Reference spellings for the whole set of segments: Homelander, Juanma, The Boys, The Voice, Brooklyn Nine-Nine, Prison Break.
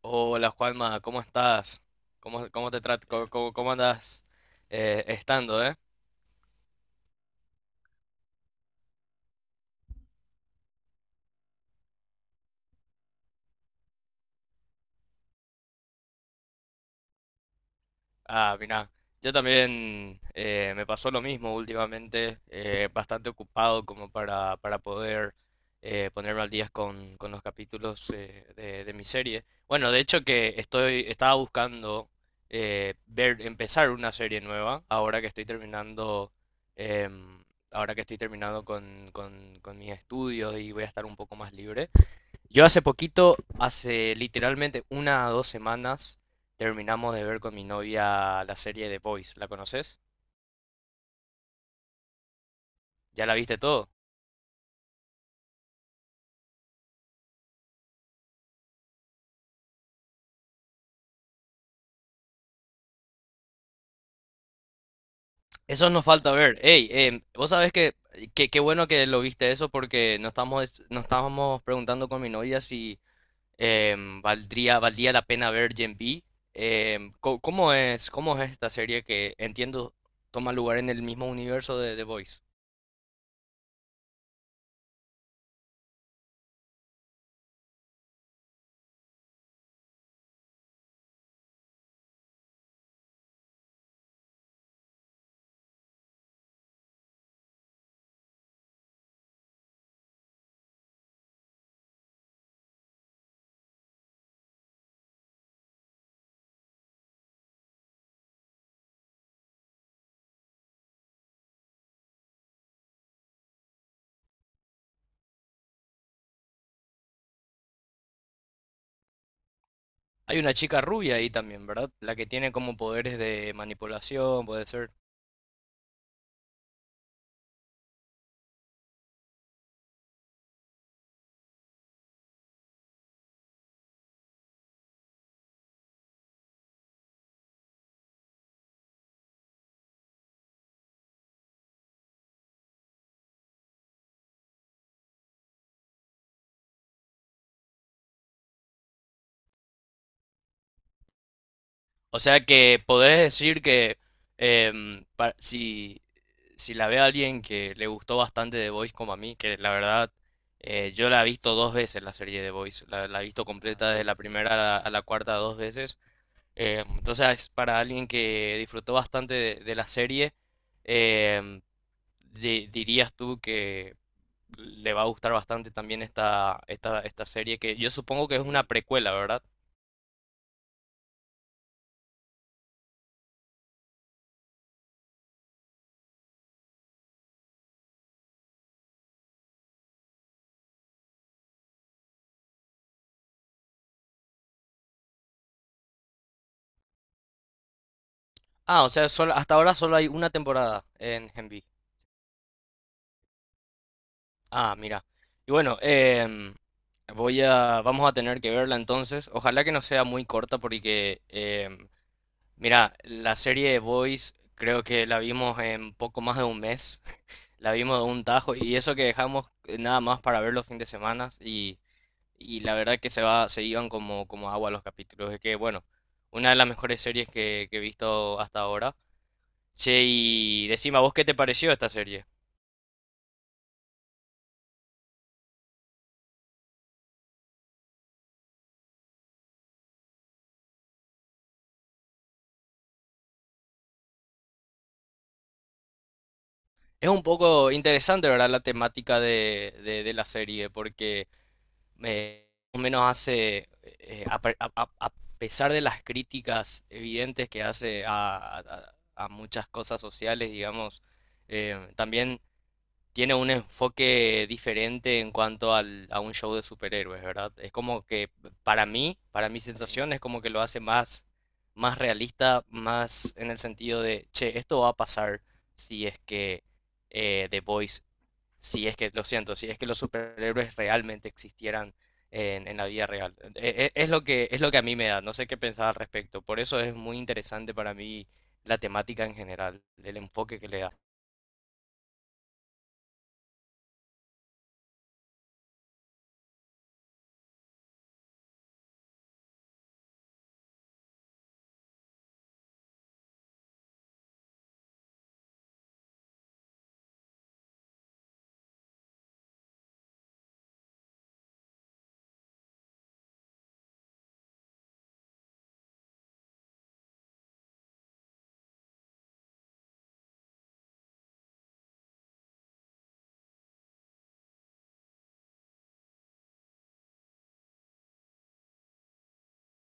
Hola Juanma, ¿cómo estás? ¿Cómo, cómo te tratas? ¿Cómo andas estando, Ah, mira, yo también me pasó lo mismo últimamente, bastante ocupado como para poder ponerme al día con los capítulos de mi serie. Bueno, de hecho que estaba buscando empezar una serie nueva, ahora que estoy terminando em, ahora que estoy terminando con mis estudios y voy a estar un poco más libre. Yo hace poquito, hace literalmente una o dos semanas, terminamos de ver con mi novia la serie The Boys. ¿La conoces? ¿Ya la viste todo? Eso nos falta ver. Ey, vos sabés que, qué bueno que lo viste eso porque nos estábamos preguntando con mi novia si valdría la pena ver Gen B. ¿Cómo es esta serie que entiendo toma lugar en el mismo universo de The Voice? Hay una chica rubia ahí también, ¿verdad? La que tiene como poderes de manipulación, puede ser. O sea que podés decir que si, si la ve a alguien que le gustó bastante The Voice como a mí, que la verdad yo la he visto dos veces la serie The Voice, la he visto. Ah, completa desde la, sí, primera a la cuarta dos veces. Entonces, para alguien que disfrutó bastante de la serie, em, dirías tú que le va a gustar bastante también esta serie que yo supongo que es una precuela, ¿verdad? Ah, o sea, hasta ahora solo hay una temporada en Genbi. Ah, mira. Y bueno, vamos a tener que verla entonces. Ojalá que no sea muy corta porque, mira, la serie de Boys creo que la vimos en poco más de un mes. La vimos de un tajo y eso que dejamos nada más para ver los fines de semana y… Y la verdad que se iban como, como agua los capítulos. Es que, bueno, una de las mejores series que he visto hasta ahora. Che, y decime, ¿a vos qué te pareció esta serie? Es un poco interesante, ¿verdad? La temática de la serie, porque más o menos hace, a, pe- a pesar de las críticas evidentes que hace a muchas cosas sociales, digamos, también tiene un enfoque diferente en cuanto al, a un show de superhéroes, ¿verdad? Es como que para mí, para mi sensación, es como que lo hace más realista, más en el sentido de, che, esto va a pasar si es que eh, The Voice, si es que, lo siento, si es que los superhéroes realmente existieran en la vida real. Es lo que, es lo que a mí me da, no sé qué pensar al respecto. Por eso es muy interesante para mí la temática en general, el enfoque que le da.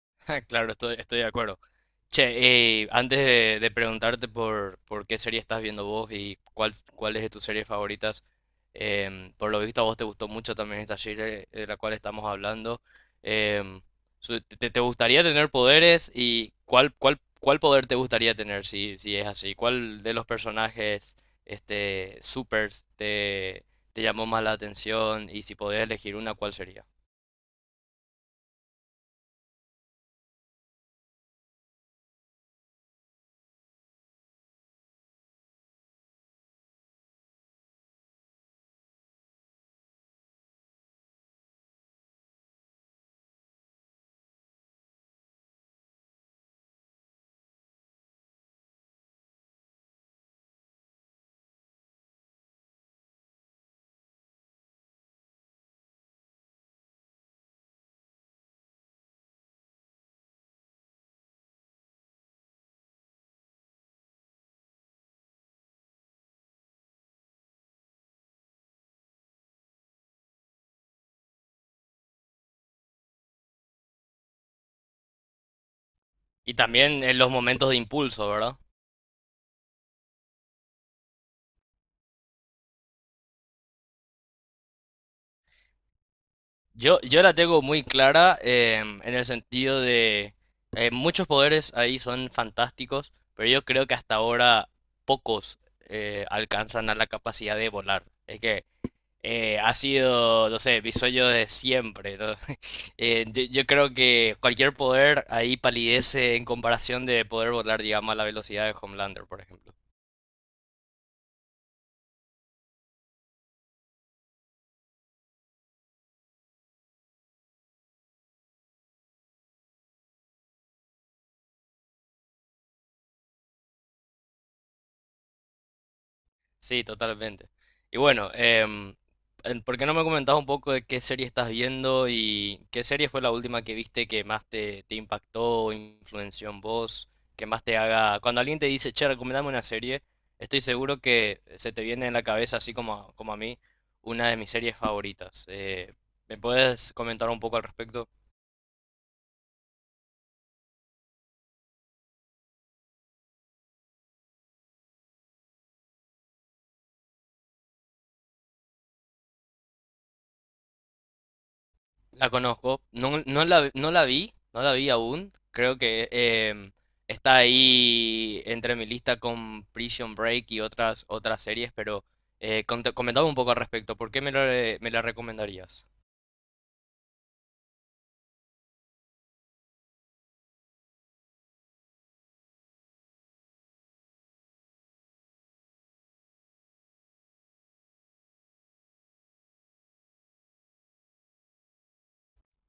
Claro, estoy de acuerdo. Che, antes de preguntarte por qué serie estás viendo vos y cuál es de tus series favoritas, por lo visto a vos te gustó mucho también esta serie de la cual estamos hablando. em, te gustaría tener poderes y cuál poder te gustaría tener si, si es así? ¿Cuál de los personajes este, supers te llamó más la atención y si podías elegir una, cuál sería? Y también en los momentos de impulso, ¿verdad? Yo la tengo muy clara en el sentido de muchos poderes ahí son fantásticos, pero yo creo que hasta ahora pocos alcanzan a la capacidad de volar. Es que ha sido, no sé, mi sueño de siempre, ¿no? Yo creo que cualquier poder ahí palidece en comparación de poder volar, digamos, a la velocidad de Homelander, por ejemplo. Sí, totalmente. Y bueno, ¿por qué no me comentabas un poco de qué serie estás viendo y qué serie fue la última que viste que más te impactó, o influenció en vos, que más te haga… Cuando alguien te dice, che, recomendame una serie, estoy seguro que se te viene en la cabeza, así como, como a mí, una de mis series favoritas. ¿Me puedes comentar un poco al respecto? La conozco, no, no la vi, no la vi aún. Creo que está ahí entre mi lista con Prison Break y otras series, pero comentame un poco al respecto. ¿Por qué me la recomendarías?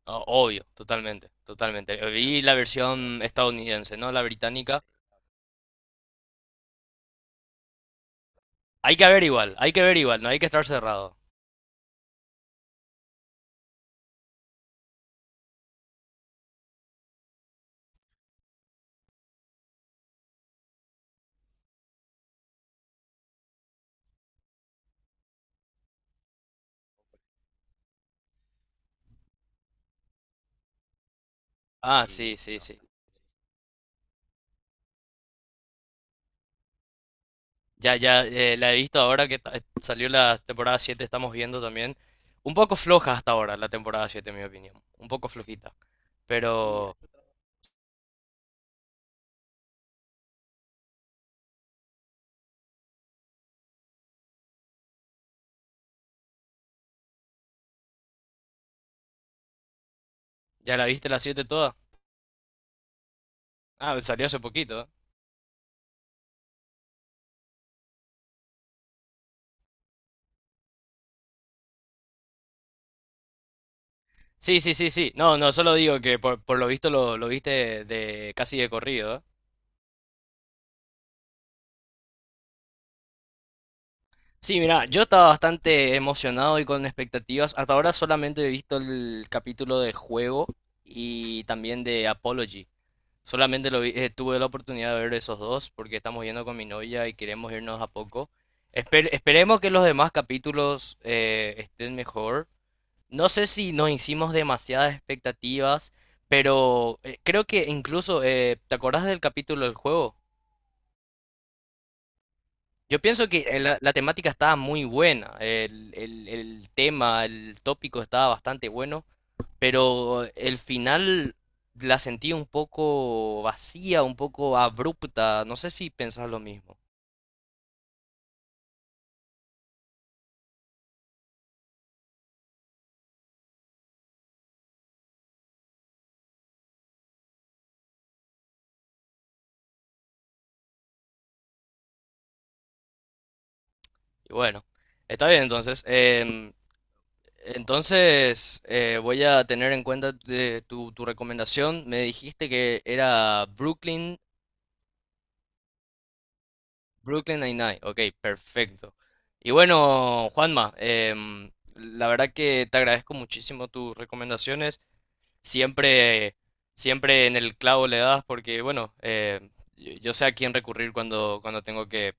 Obvio, totalmente, totalmente. Vi la versión estadounidense, no la británica. Hay que ver igual, hay que ver igual, no hay que estar cerrado. Ah, sí, sí, sí. Ya, ya, la he visto ahora que salió la temporada 7 estamos viendo también. Un poco floja hasta ahora la temporada 7 en mi opinión. Un poco flojita. Pero, ¿ya la viste la 7 toda? Ah, salió hace poquito. ¿Eh? Sí, sí, sí, sí. No, no, solo digo que por lo visto lo viste de casi de corrido. ¿Eh? Sí, mira, yo estaba bastante emocionado y con expectativas. Hasta ahora solamente he visto el capítulo del juego y también de Apology. Tuve la oportunidad de ver esos dos porque estamos yendo con mi novia y queremos irnos a poco. Esperemos que los demás capítulos estén mejor. No sé si nos hicimos demasiadas expectativas, pero creo que incluso, ¿te acordás del capítulo del juego? Yo pienso que la temática estaba muy buena, el tema, el tópico estaba bastante bueno. Pero el final la sentí un poco vacía, un poco abrupta. No sé si pensás lo mismo. Y bueno, está bien entonces. Entonces voy a tener en cuenta de tu, tu recomendación. Me dijiste que era Brooklyn, Brooklyn Nine-Nine. Ok, perfecto. Y bueno, Juanma, la verdad que te agradezco muchísimo tus recomendaciones. Siempre, siempre en el clavo le das porque, bueno, yo sé a quién recurrir cuando, cuando tengo que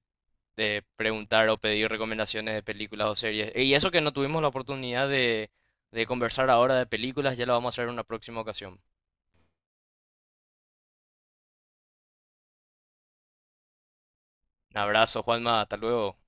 preguntar o pedir recomendaciones de películas o series. Y eso que no tuvimos la oportunidad de conversar ahora de películas, ya lo vamos a hacer en una próxima ocasión. Un abrazo, Juanma, hasta luego.